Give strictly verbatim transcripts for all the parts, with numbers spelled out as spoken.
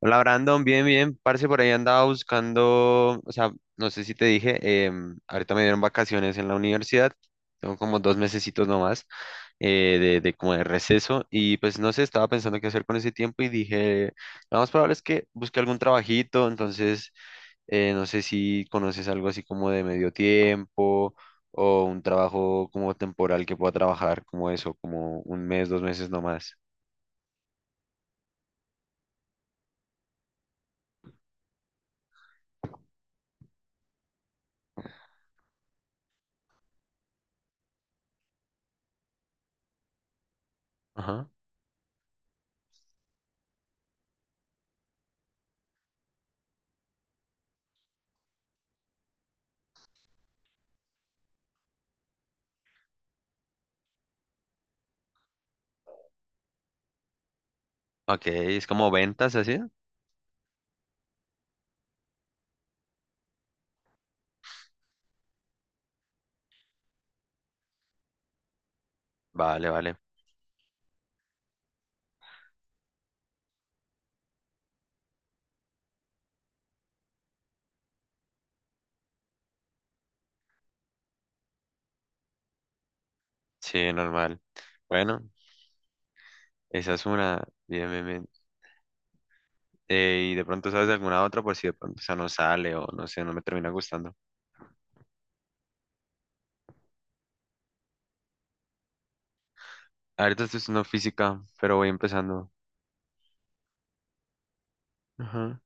Hola Brandon, bien, bien, parce, por ahí andaba buscando, o sea, no sé si te dije, em, ahorita me dieron vacaciones en la universidad, tengo como dos mesecitos nomás eh, de, de como de receso y pues no sé, estaba pensando qué hacer con ese tiempo y dije, lo más probable es que busque algún trabajito, entonces eh, no sé si conoces algo así como de medio tiempo o un trabajo como temporal que pueda trabajar como eso, como un mes, dos meses nomás. Ajá. Ok, es como ventas así. Vale, vale. Sí, normal. Bueno, esa es una. Bien, bien, bien. Eh, y de pronto sabes de alguna otra por si de pronto esa no sale o no sé, no me termina gustando. Ahorita estoy estudiando física, pero voy empezando. Ajá.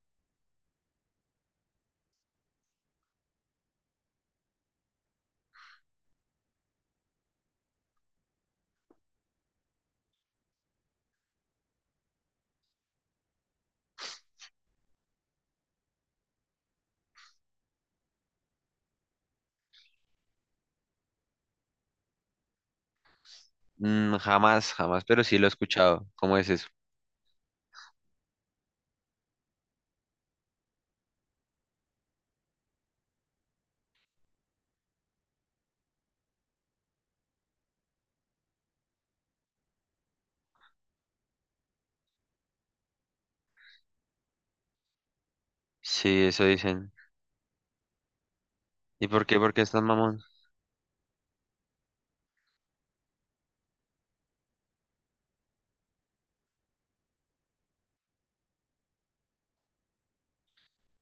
Mm, jamás, jamás, pero sí lo he escuchado. ¿Cómo es eso? Sí, eso dicen. ¿Y por qué? ¿Por qué es tan mamón?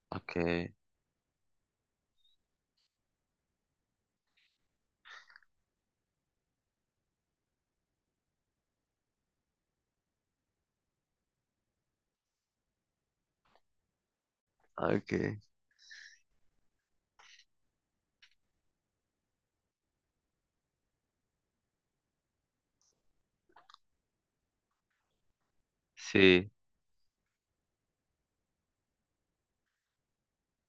Ok, ok. Sí.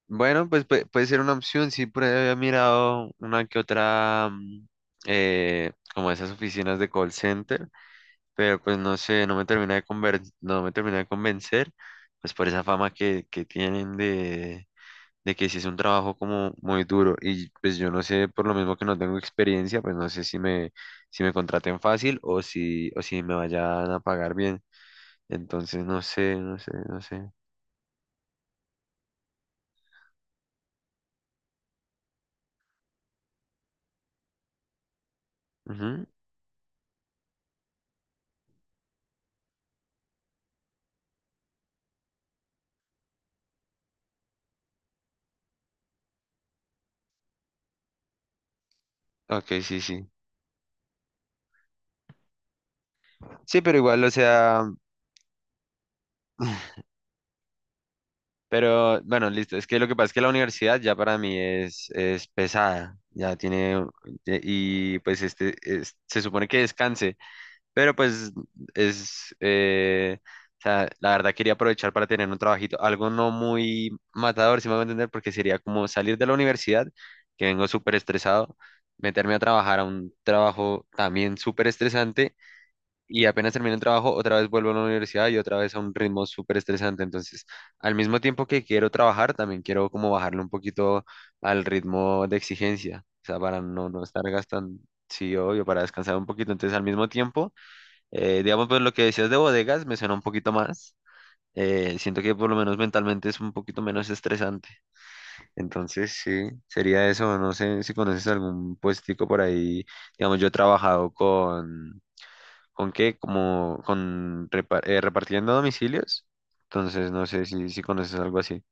Bueno, pues pue- puede ser una opción. Sí, por ahí había mirado una que otra, mm, eh, como esas oficinas de call center, pero pues no sé, no me termina de conver- no me termina de convencer, pues por esa fama que, que tienen de, de que sí es un trabajo como muy duro y pues yo no sé, por lo mismo que no tengo experiencia, pues no sé si me, si me contraten fácil o si, o si me vayan a pagar bien, entonces no sé, no sé, no sé. Ujú. Ok, sí, sí. Sí, pero igual, o sea, pero bueno, listo. Es que lo que pasa es que la universidad ya para mí es, es pesada. Ya tiene, de- y pues este es- se supone que descanse, pero pues es, eh, o sea, la verdad quería aprovechar para tener un trabajito, algo no muy matador, si me voy a entender, porque sería como salir de la universidad, que vengo súper estresado, meterme a trabajar a un trabajo también súper estresante y apenas termino el trabajo, otra vez vuelvo a la universidad y otra vez a un ritmo súper estresante. Entonces, al mismo tiempo que quiero trabajar, también quiero como bajarle un poquito al ritmo de exigencia, o sea, para no, no estar gastando, sí, obvio, para descansar un poquito. Entonces, al mismo tiempo, eh, digamos, pues lo que decías de bodegas me suena un poquito más. Eh, siento que por lo menos mentalmente es un poquito menos estresante. Entonces, sí, sería eso. No sé si conoces algún puestico por ahí. Digamos, yo he trabajado con ¿con qué? Como con repa- eh, repartiendo domicilios. Entonces, no sé si, si conoces algo así.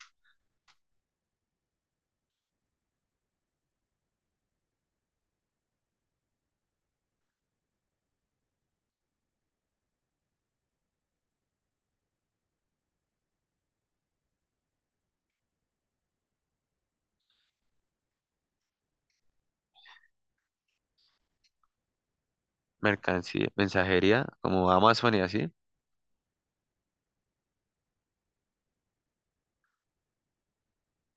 Mercancía, mensajería, como Amazon y así.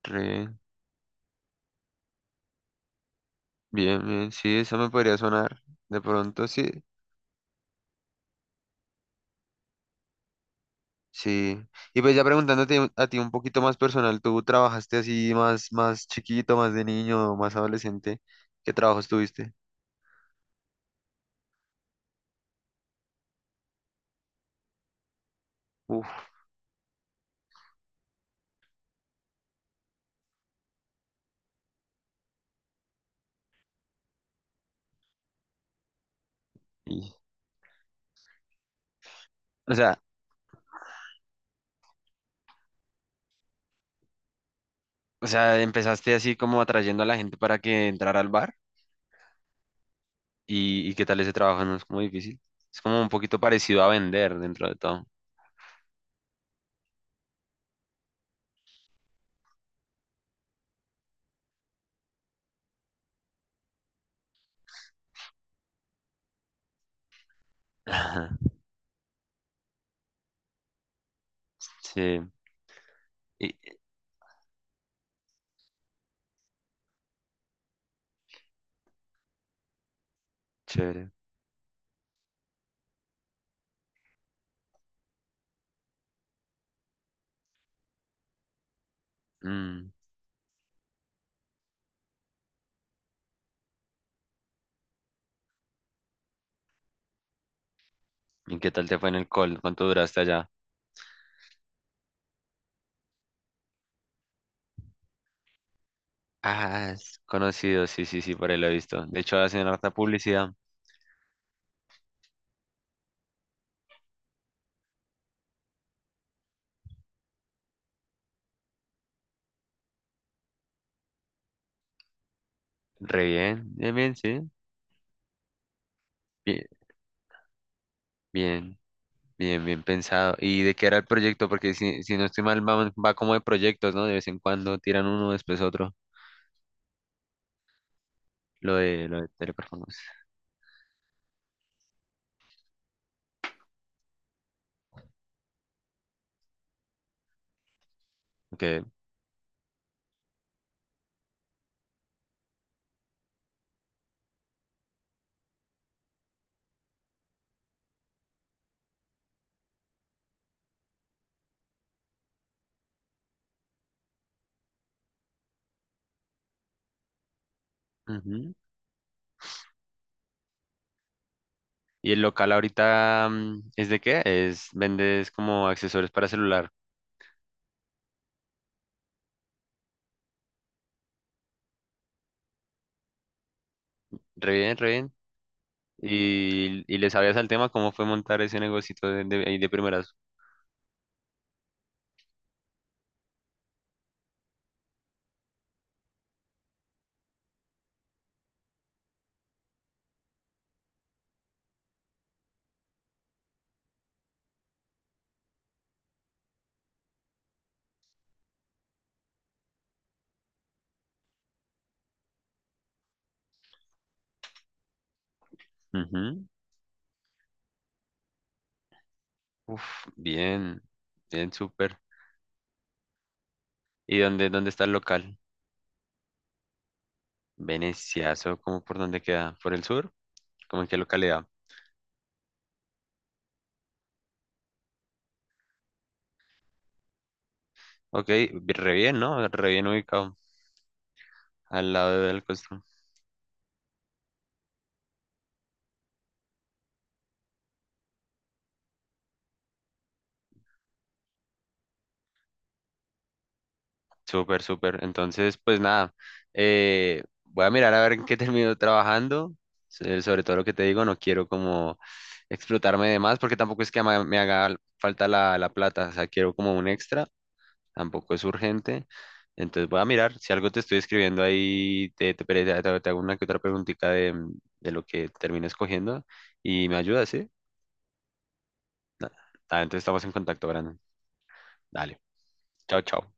Re- Bien, bien. Sí, eso me podría sonar. De pronto, sí. Sí. Y pues ya preguntándote un- a ti un poquito más personal, ¿tú trabajaste así más, más chiquito, más de niño, más adolescente? ¿Qué trabajos tuviste? Uf. y- O sea, o sea, empezaste así como atrayendo a la gente para que entrara al bar. ¿Y, y qué tal ese trabajo? ¿No es como difícil? Es como un poquito parecido a vender dentro de todo. Sí, y, chévere. Mm, ¿y qué tal te fue en el call? ¿Cuánto duraste allá? Ah, es conocido, sí, sí, sí, por ahí lo he visto. De hecho, hacen harta publicidad. Re bien, bien, bien, sí. Bien, bien, bien, bien pensado. ¿Y de qué era el proyecto? Porque si, si no estoy mal, va, va como de proyectos, ¿no? De vez en cuando tiran uno, después otro. Lo de, lo de teleperformance. Ok. Y el local ahorita mm, ¿es de qué? ¿Es vendes como accesorios para celular? Re bien, re bien. Y, y le sabías al tema, ¿cómo fue montar ese negocito de, de, ahí de primeras? Ujú. Uf, bien, bien, súper. ¿Y dónde, dónde está el local? Veneciazo, ¿cómo por dónde queda? ¿Por el sur? ¿Cómo en qué localidad? Ok, bi- re bien, ¿no? Re bien ubicado, al lado del costo. Súper, súper. Entonces, pues nada, eh, voy a mirar a ver en qué termino trabajando. so- Sobre todo lo que te digo, no quiero como explotarme de más porque tampoco es que ama- me haga falta la, la plata. O sea, quiero como un extra, tampoco es urgente. Entonces voy a mirar, si algo te estoy escribiendo ahí, te, te, pre- te- te hago una que otra preguntita de, de lo que termino escogiendo y me ayudas, ¿sí? Ah, entonces estamos en contacto, Brandon. Dale, chao, chao.